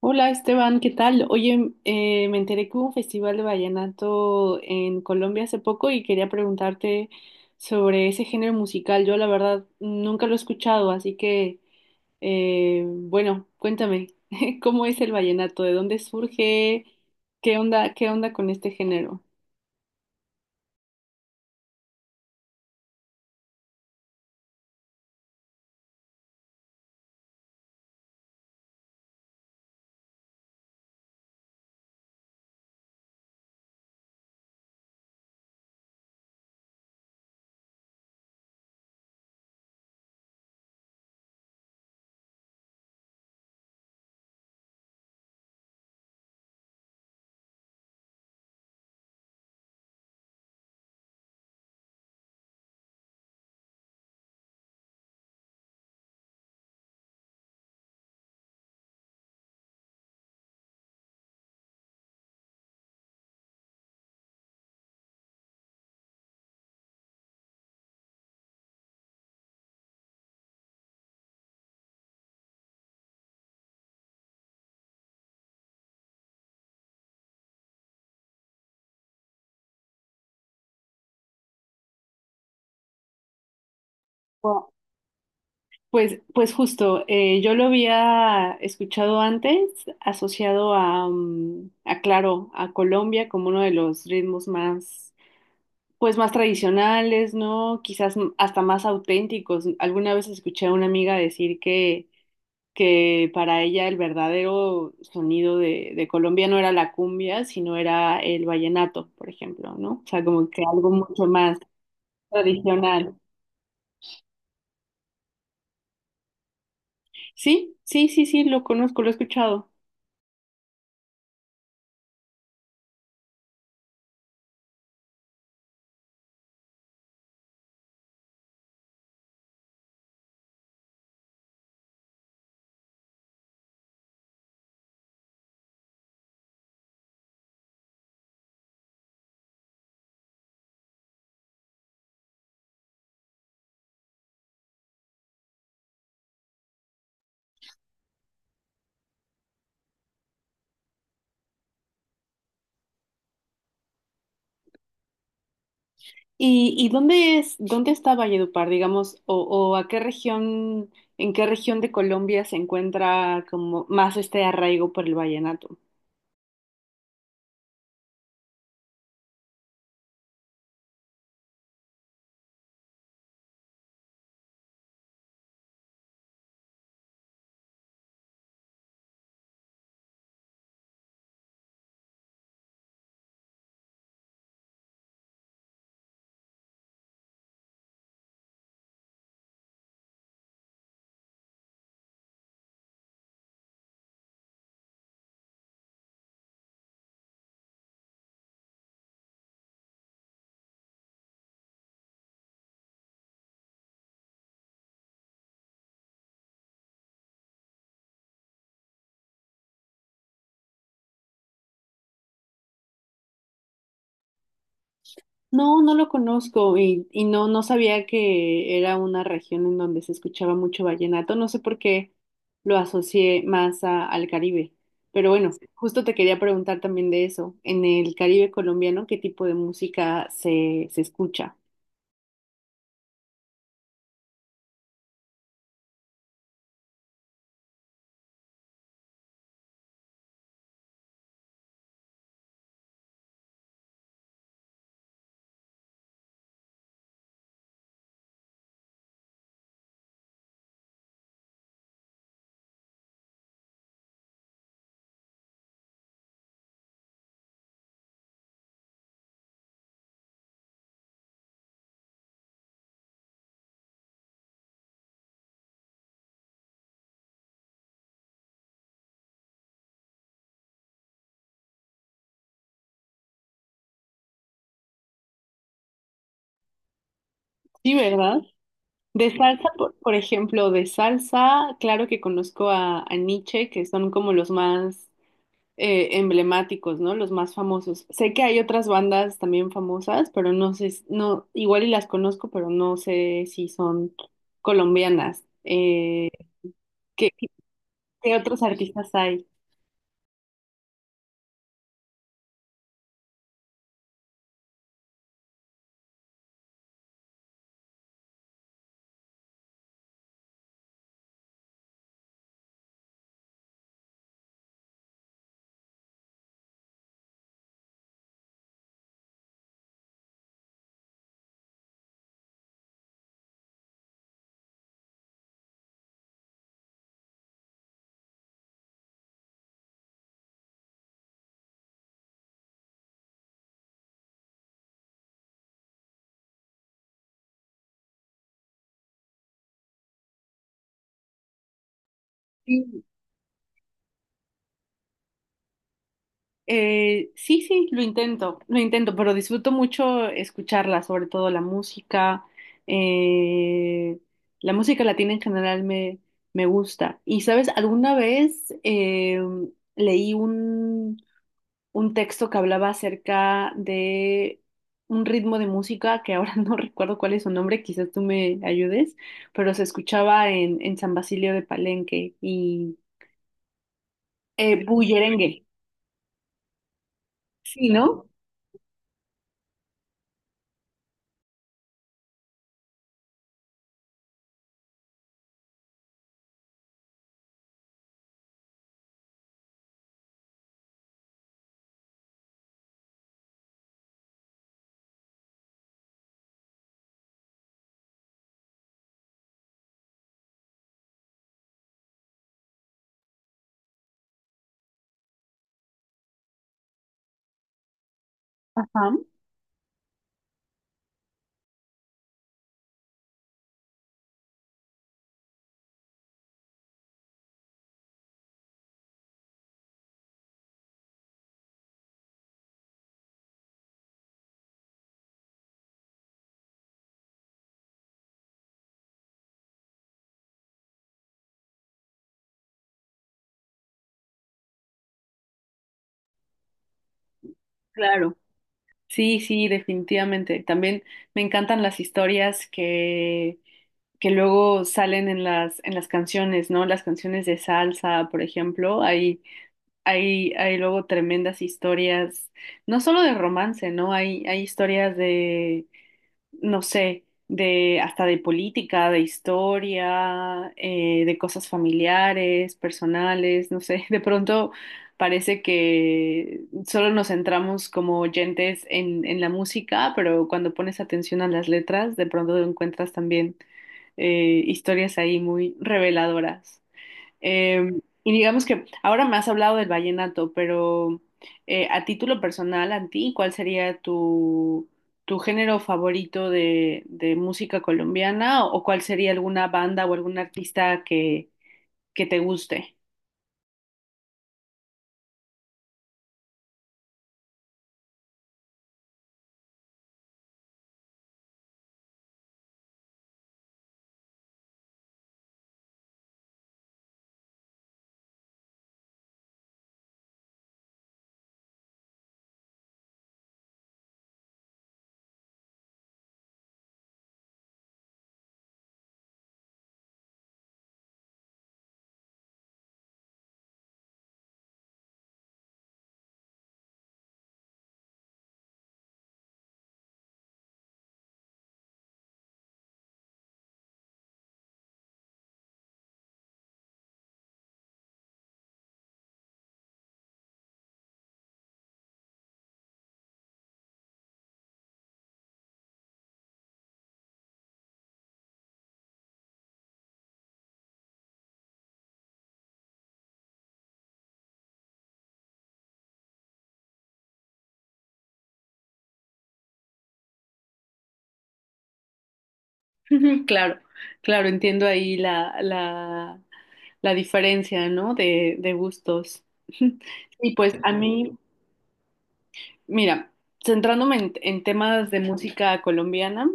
Hola Esteban, ¿qué tal? Oye, me enteré que hubo un festival de vallenato en Colombia hace poco y quería preguntarte sobre ese género musical. Yo la verdad nunca lo he escuchado, así que bueno, cuéntame, ¿cómo es el vallenato? ¿De dónde surge? Qué onda con este género? Bueno, pues, justo, yo lo había escuchado antes, asociado a, a claro, a Colombia como uno de los ritmos más, pues más tradicionales, ¿no? Quizás hasta más auténticos. Alguna vez escuché a una amiga decir que, para ella el verdadero sonido de, Colombia no era la cumbia, sino era el vallenato, por ejemplo, ¿no? O sea, como que algo mucho más tradicional. Sí, sí, sí, sí, lo conozco, lo he escuchado. ¿Y, dónde es, dónde está Valledupar, digamos, o, a qué región, en qué región de Colombia se encuentra como más este arraigo por el vallenato? No, no lo conozco y, no, no sabía que era una región en donde se escuchaba mucho vallenato. No sé por qué lo asocié más al Caribe. Pero bueno, justo te quería preguntar también de eso. En el Caribe colombiano, ¿qué tipo de música se, escucha? Sí, ¿verdad? De salsa, por ejemplo, de salsa, claro que conozco a, Nietzsche, que son como los más emblemáticos, ¿no? Los más famosos. Sé que hay otras bandas también famosas, pero no sé, s- no, igual y las conozco, pero no sé si son colombianas. ¿Qué, otros artistas hay? Sí, sí, sí, lo intento, pero disfruto mucho escucharla, sobre todo la música. eh, la música latina en general me, gusta. Y, ¿sabes? Alguna vez leí un texto que hablaba acerca de un ritmo de música que ahora no recuerdo cuál es su nombre, quizás tú me ayudes, pero se escuchaba en, San Basilio de Palenque y bullerengue, sí, ¿no? Ajá, claro. Sí, sí, definitivamente. También me encantan las historias que, luego salen en las, canciones, ¿no? Las canciones de salsa, por ejemplo, hay, hay luego tremendas historias, no solo de romance, ¿no? Hay, historias de, no sé, de hasta de política, de historia, de cosas familiares, personales, no sé. De pronto parece que solo nos centramos como oyentes en, la música, pero cuando pones atención a las letras, de pronto encuentras también historias ahí muy reveladoras. Eh, y digamos que ahora me has hablado del vallenato, pero a título personal, a ti, ¿cuál sería tu, género favorito de, música colombiana o, ¿cuál sería alguna banda o algún artista que, te guste? Ujú, claro, claro, entiendo ahí la, la, diferencia, ¿no? De, gustos. Y pues a mí, mira, centrándome en temas de música colombiana,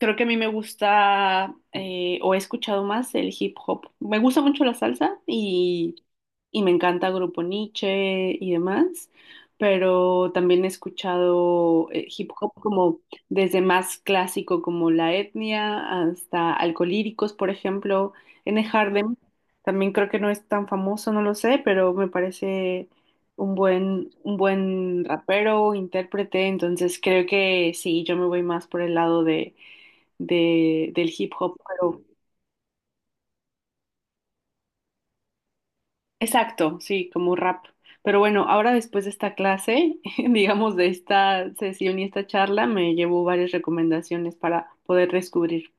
creo que a mí me gusta o he escuchado más el hip hop. Me gusta mucho la salsa y, me encanta Grupo Niche y demás, pero también he escuchado hip hop como desde más clásico como La Etnia hasta Alcolíricos, por ejemplo, N. Hardem. También creo que no es tan famoso, no lo sé, pero me parece un buen rapero, intérprete, entonces creo que sí, yo me voy más por el lado de del hip hop, pero exacto, sí, como rap. Pero bueno, ahora después de esta clase, digamos de esta sesión y esta charla, me llevo varias recomendaciones para poder descubrir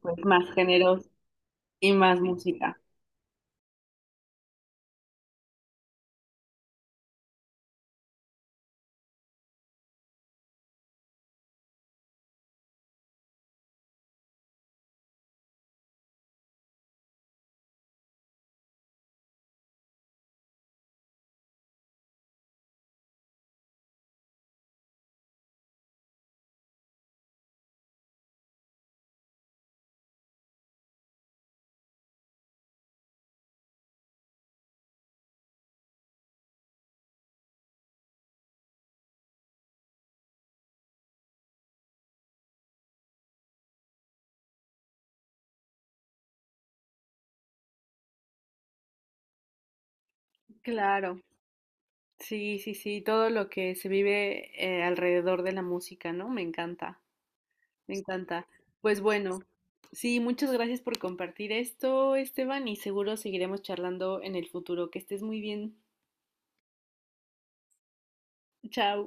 pues, más géneros y más música. Claro, sí, sí, sí, todo lo que se vive alrededor de la música, ¿no? Me encanta, me encanta. Pues bueno, sí, muchas gracias por compartir esto, Esteban, y seguro seguiremos charlando en el futuro. Que estés muy bien. Chao.